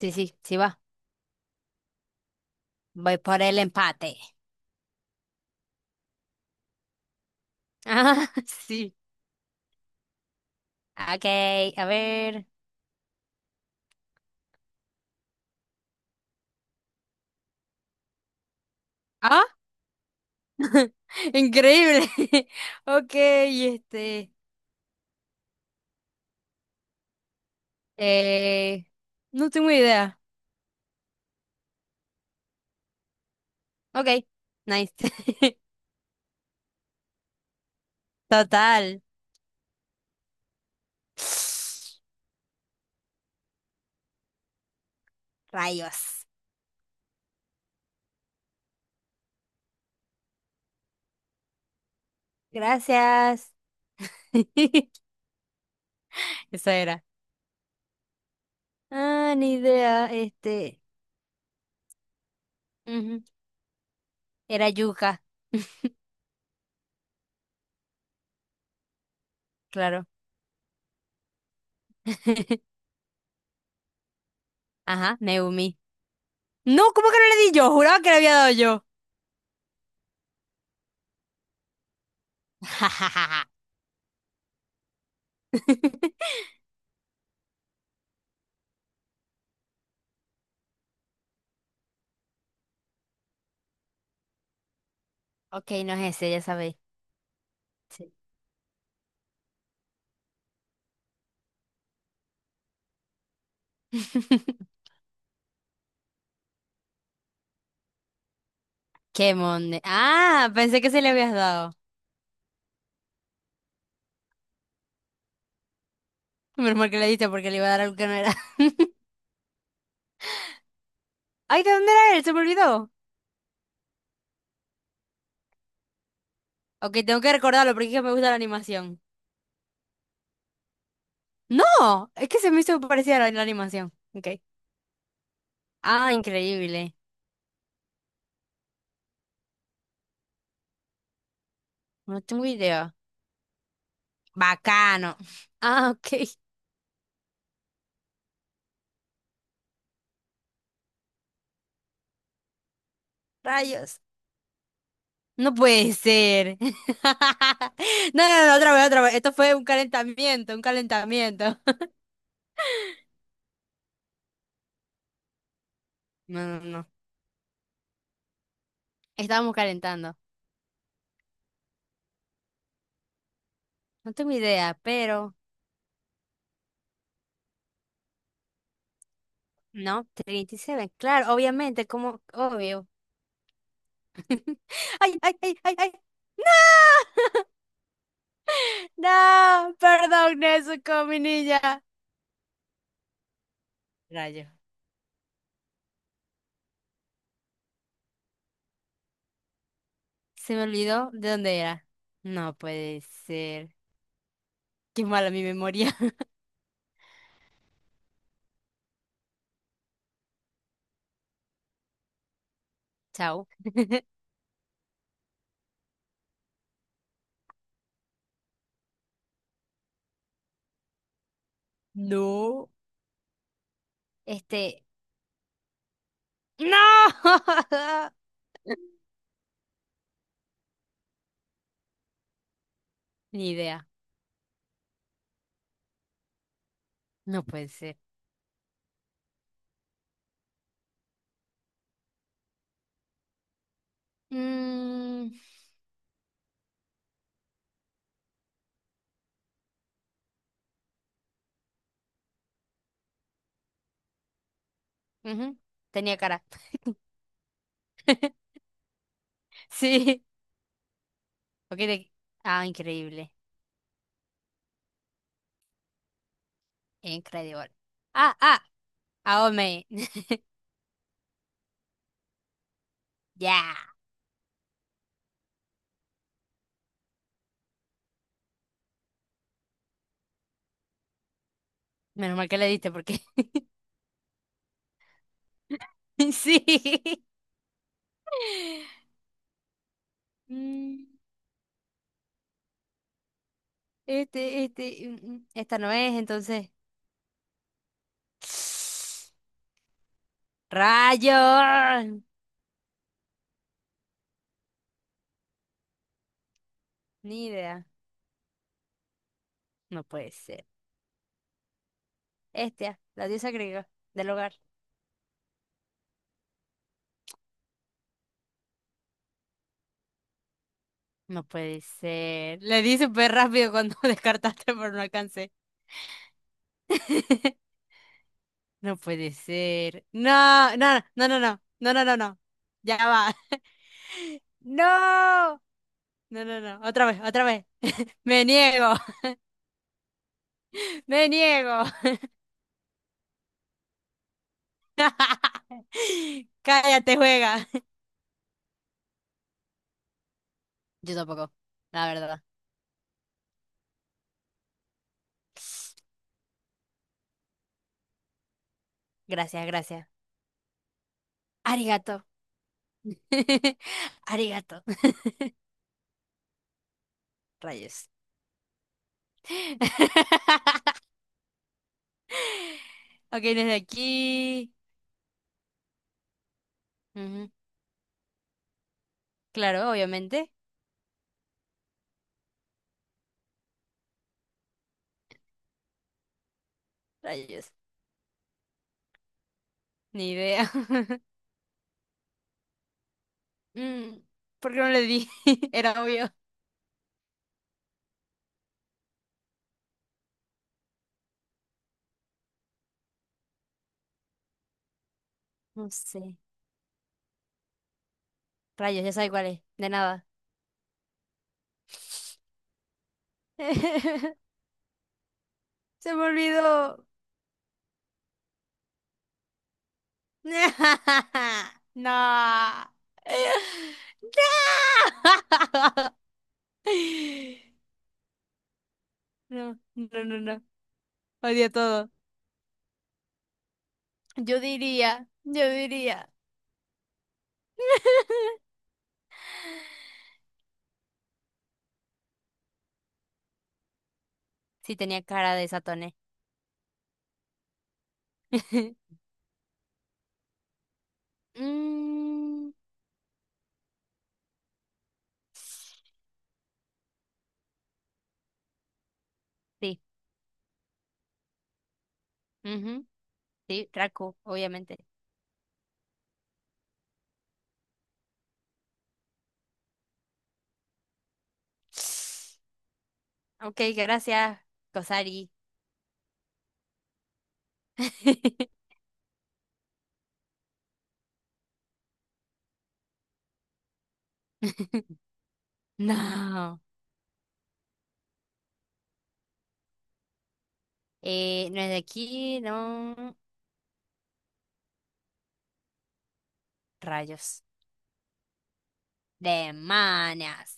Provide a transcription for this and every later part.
Sí, sí, sí va. Voy por el empate. Ah, sí. Ok, a ver. ¡Ah! Increíble. Ok, este. Eh, no tengo idea. Ok, nice. Total. Rayos. Gracias. Esa era. Ah, ni idea. Este. Ujú, era yuca, claro. Ajá, Neumi. No, ¿cómo que no le di yo? Juraba que le había dado yo. Ok, no es ese, ya sabéis. Sí. Qué monde. Ah, pensé que se le habías dado. Menos mal que le diste porque le iba a dar algo que no era. Ay, ¿de dónde era él? Se me olvidó. Ok, tengo que recordarlo porque es que me gusta la animación. No, es que se me hizo parecida a la animación. Ok. Ah, increíble. No tengo idea. Bacano. Ah, ok. Rayos. No puede ser. No, no, no, otra vez, otra vez. Esto fue un calentamiento, un calentamiento. No, no, no. Estábamos calentando. No tengo idea, pero no, 37. Claro, obviamente, como obvio. Ay, ay, ay, ay, ay. No, no, perdón, Nezuko, mi niña. Rayo. Se me olvidó de dónde era. No puede ser. Qué mala mi memoria. Chao. No. Este. ¡No! Ni idea. No puede ser. Mm, ujú. Tenía cara. Sí. Ok. De... ah, increíble. Increíble. Ah, ah, Aome. Ya. Menos mal que le diste porque. Sí. Mm, este, esta no es, entonces. ¡Rayo! Ni idea. No puede ser. Este, la diosa griega del hogar. No puede ser. Le di súper rápido cuando descartaste, pero no alcancé. No puede ser. No, no, no, no, no, no, no, no, no, no. Ya va. No. No, no, no. Otra vez, otra vez. Me niego. Me niego. Cállate, juega. Yo tampoco, la verdad. Gracias, gracias. Arigato. Arigato. Rayos. Ok, desde aquí. Ujú. Claro, obviamente. Rayos. Ni idea. Mm, ¿por qué no le di? Era obvio. No sé. Rayos, ya sabe cuál es. De nada. Se me olvidó. No. No, no, no, no, no. Odio todo. Yo diría, yo diría. Sí tenía cara de Satone. Mm, sí. Ujú, sí, Raku, obviamente. Ok, gracias, Kosari. No. No es de aquí, no. Rayos. Demonios.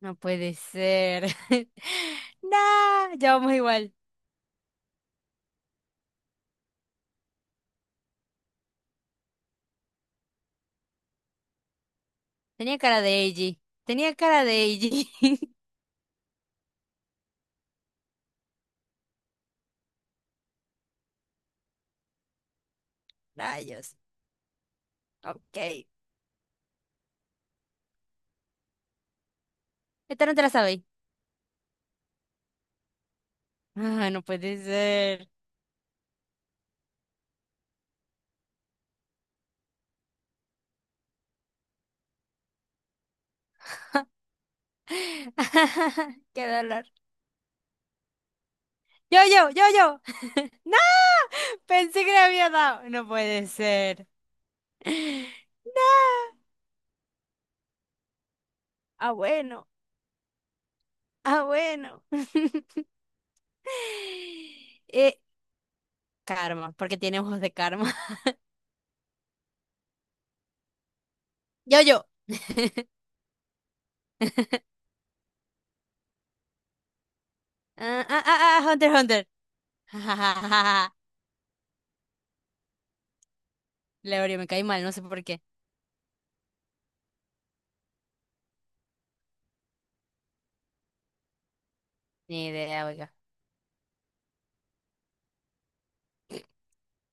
No puede ser. Nah, ya vamos igual. Tenía cara de Eiji. Tenía cara de Eiji. Rayos. Ok. Esta no te la sabéis. Ah, no puede ser. Qué dolor. Yo, yo, yo, yo. No, pensé que le había dado. No puede ser. No. Ah, bueno. Ah, bueno. Eh, karma, porque tiene ojos de karma. Yo, yo. Ah, ah, ah, ah, Hunter, Hunter. Leorio, me caí mal, no sé por qué. Ni idea, oiga.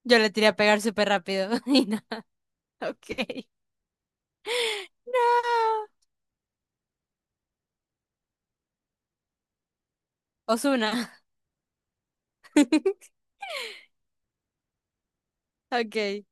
Yo le tiré a pegar súper rápido y nada. Ok. No. Ozuna. Ok.